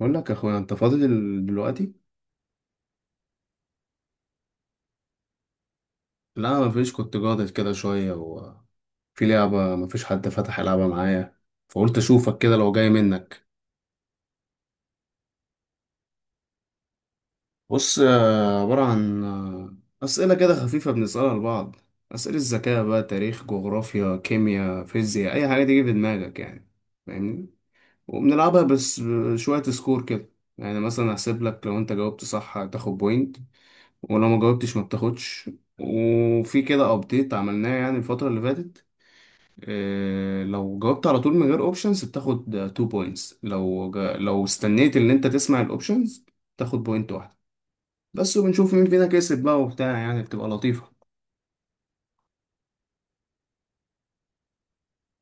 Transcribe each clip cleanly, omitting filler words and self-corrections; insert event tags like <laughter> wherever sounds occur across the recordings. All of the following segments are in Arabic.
بقول لك يا اخويا، انت فاضي دلوقتي. لا، ما فيش. كنت جاضد كده شويه، وفي لعبه ما فيش حد فتح يلعبها معايا. فقلت اشوفك كده لو جاي منك. بص، عباره عن اسئله كده خفيفه بنسالها لبعض. اسئله الذكاء بقى، تاريخ جغرافيا كيمياء فيزياء، اي حاجه تيجي في دماغك يعني. فاهمني؟ وبنلعبها بس، شويه سكور كده. يعني مثلا هحسب لك، لو انت جاوبت صح هتاخد بوينت. ولو ما جاوبتش ما بتاخدش. وفي كده ابديت عملناه يعني الفترة اللي فاتت. إيه، لو جاوبت على طول من غير اوبشنز بتاخد 2 بوينتس، لو استنيت ان انت تسمع الاوبشنز تاخد بوينت واحده بس. وبنشوف مين فينا كسب بقى وبتاع، يعني بتبقى لطيفه.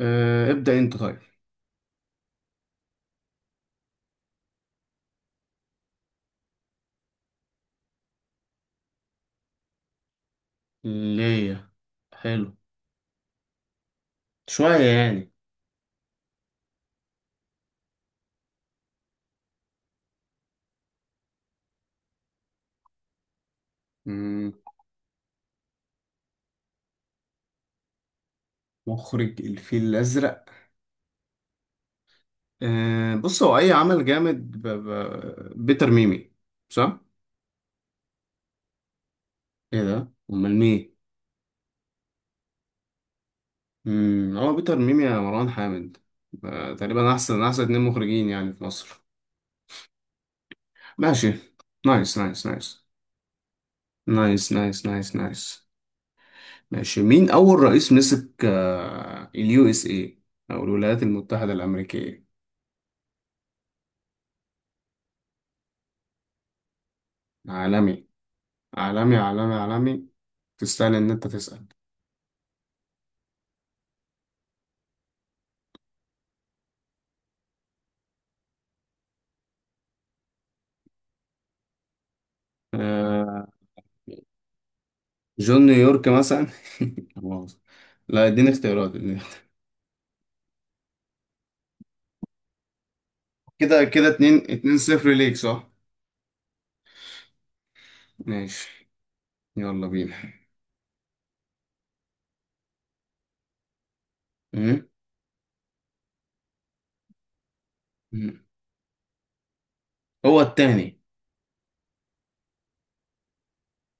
إيه، ابدأ انت طيب. ليه؟ حلو. شويه يعني. مم، مخرج الفيل الازرق؟ إيه، بص هو اي عمل جامد بيتر ميمي. صح؟ ايه ده؟ امال مين؟ هو بيتر ميمي يا مروان حامد؟ تقريبا احسن احسن اتنين مخرجين يعني في مصر. ماشي. نايس نايس نايس نايس نايس نايس نايس. ماشي. مين أول رئيس مسك اليو اس اي أو الولايات المتحدة الأمريكية؟ عالمي. عالمي عالمي عالمي. تستاهل إن أنت تسأل. آه، جون نيويورك مثلا. <laughs> لا مؤاخذة. لا، اديني اختيارات، اديني اختيارات. كده كده اتنين اتنين صفر ليك، صح؟ ماشي. يلا بينا. م? م. هو التاني.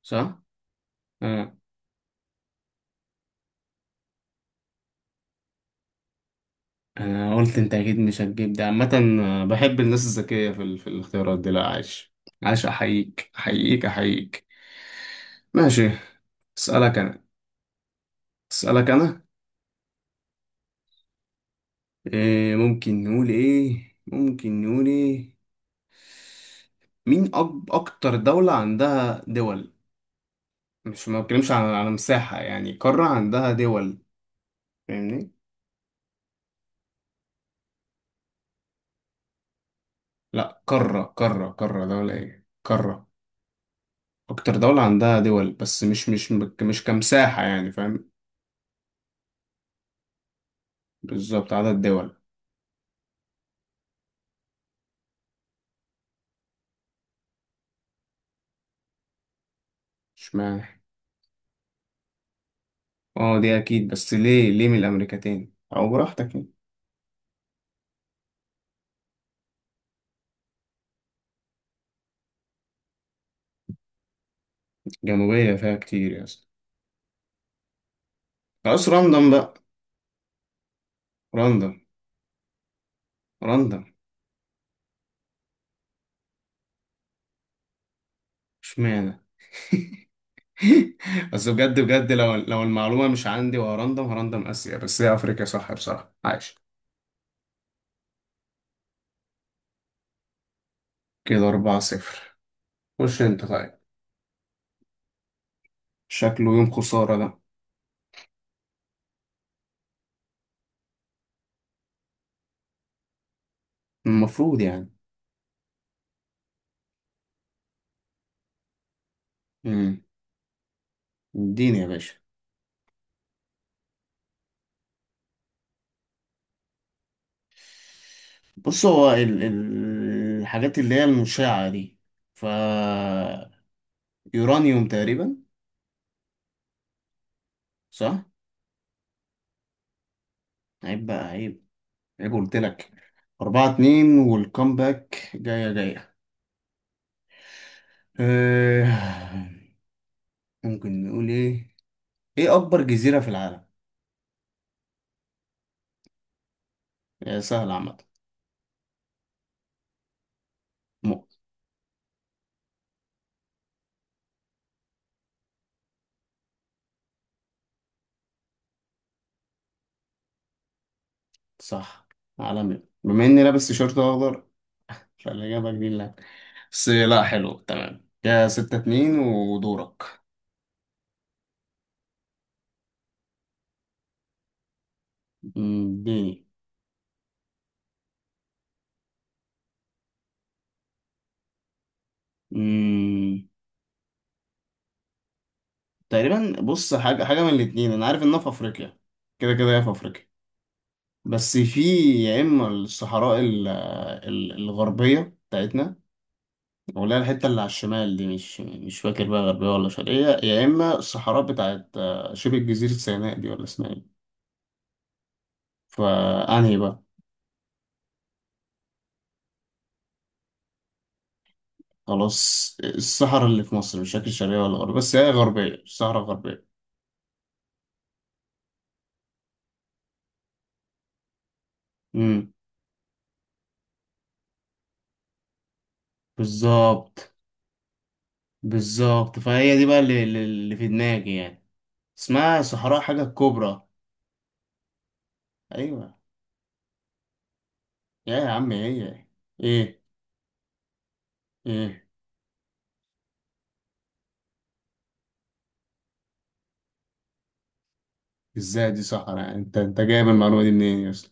صح. آه. انا قلت انت اكيد مش هتجيب ده عامه. بحب الناس الذكيه في الاختيارات دي. لا عايش. عايش. احييك احييك احييك. ماشي. اسالك انا. اسالك انا. إيه، ممكن نقول ايه، ممكن نقول ايه. مين اكتر دوله عندها دول؟ مش ما بتكلمش على مساحه، يعني قاره عندها دول. فاهمني؟ لا، قاره قاره قاره، دوله ايه قاره. اكتر دوله عندها دول، بس مش كمساحه، يعني فاهم؟ بالظبط، عدد دول. اشمعنى؟ اه دي اكيد، بس ليه من الامريكتين؟ او براحتك يعني. جنوبية فيها كتير يا اسطى. خلاص، راندم بقى. راندم. راندم. اشمعنى؟ <laughs> بس بجد بجد، لو المعلومة مش عندي وهرندم، هرندم آسيا، بس هي أفريقيا صح، بصراحة عايش. كده 4-0. خش أنت طيب. شكله يوم خسارة ده. المفروض يعني. امم. اديني يا باشا. بص، هو ال الحاجات اللي هي المشعة دي، ف... يورانيوم تقريبا. صح. عيب بقى، عيب. عيب قلت لك. 4-2 والكامباك جاية جاية. آه، ممكن نقول ايه؟ ايه اكبر جزيرة في العالم؟ هي سهلة عامة. مؤ صح. عالمي بما اني لابس تيشيرت اخضر فالاجابة دي لا. بس لا، حلو تمام كده. 6-2 ودورك. اديني. مم، تقريبا بص، حاجة حاجة من الاتنين، انا عارف انها في افريقيا. كده كده هي في افريقيا، بس في... يا اما الصحراء الغربيه بتاعتنا، ولا الحته اللي على الشمال دي مش فاكر بقى غربيه ولا شرقيه، يا اما الصحراء بتاعت شبه جزيره سيناء دي، ولا اسمها ايه؟ فانهي بقى؟ خلاص، الصحراء اللي في مصر مش فاكر شرقيه ولا غربيه، بس هي غربيه، الصحراء الغربيه. امم. بالظبط. بالظبط، فهي دي بقى اللي في دماغي يعني. اسمها صحراء حاجه كبرى. ايوه. يا عم هي. ايه. ايه. ازاي دي صحراء يعني؟ انت جايب المعلومة دي منين اصلا؟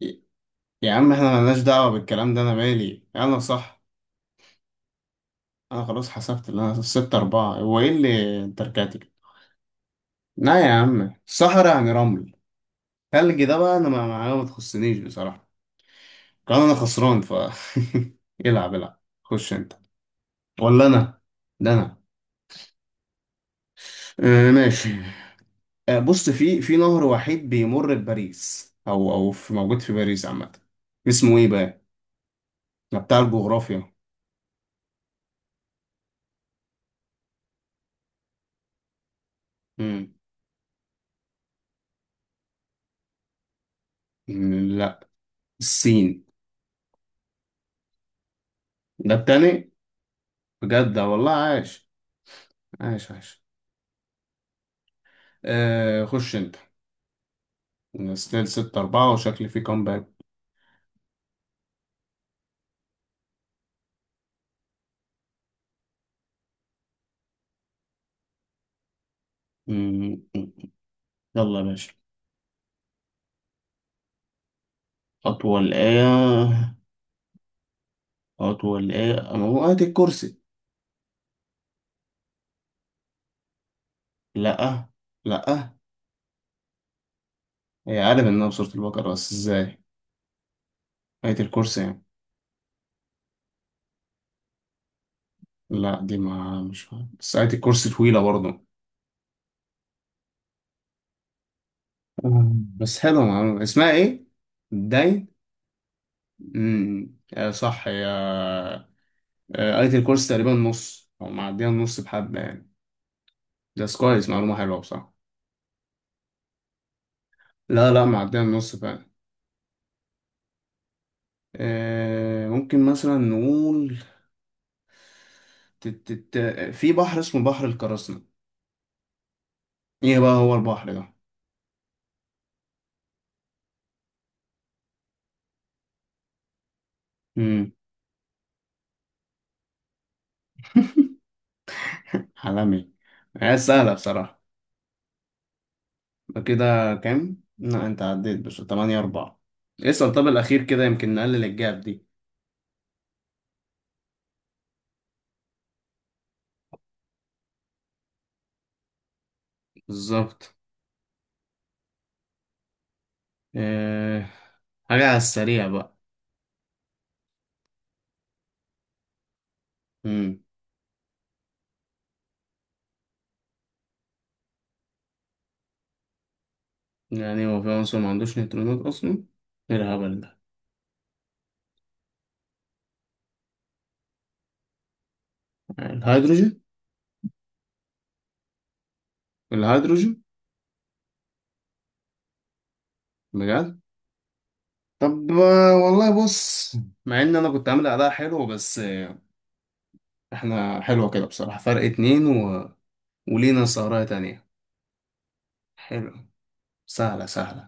يا يا عم، احنا ملناش دعوة بالكلام ده، انا مالي انا صح. انا خلاص حسبت اللي انا 6-4، هو ايه اللي انت رجعت كده؟ لا يا عم، صحراء يعني رمل. تلج ده بقى انا ما معايا، ما تخصنيش بصراحة. كان انا خسران، ف... <laughs> العب العب، خش انت. ولا انا؟ ده انا. آه، ماشي. آه، بص، في نهر وحيد بيمر بباريس، او في، موجود في باريس عامة. اسمه ايه بقى؟ ده بتاع الجغرافيا. مم. لا. السين. ده التاني. بجد، ده والله عاش. عاش عاش. آه، خش انت. ستيل 6-4، وشكلي في كومباك. مم. مم. يلا يا باشا. أطول إيه؟ أطول إيه؟ أما هو آية الكرسي. لأ. لأ. هي، عارف إنها بسورة البقرة، بس إزاي؟ آية الكرسي يعني. لا، دي ما مش عارف. بس آية الكرسي طويلة برضه. مم. بس حلوة معلومة، اسمها إيه؟ داين. مم. صح، يا قريت الكورس تقريبا نص او معديه النص بحبه يعني. ده كويس، معلومه حلوه بصراحه. لا لا، معديه النص فعلا. ممكن مثلا نقول ت- ت- في بحر اسمه بحر القراصنة. ايه بقى هو البحر ده؟ امم. حلمي. هي سهله بصراحه. يبقى كده كام؟ لا انت عديت بس 8-4. اسأل. طب الاخير كده، يمكن نقلل الجاب دي. بالظبط. آه، حاجه على السريع بقى. امم. يعني هو في عنصر ما عندوش نيوترونات اصلا؟ ايه الهبل ده. الهيدروجين. الهيدروجين. بجد؟ طب والله بص، مع ان انا كنت عامل اداء حلو بس احنا حلوه كده بصراحه، فرق اتنين ولينا سهرية تانية. حلو. سهله سهله.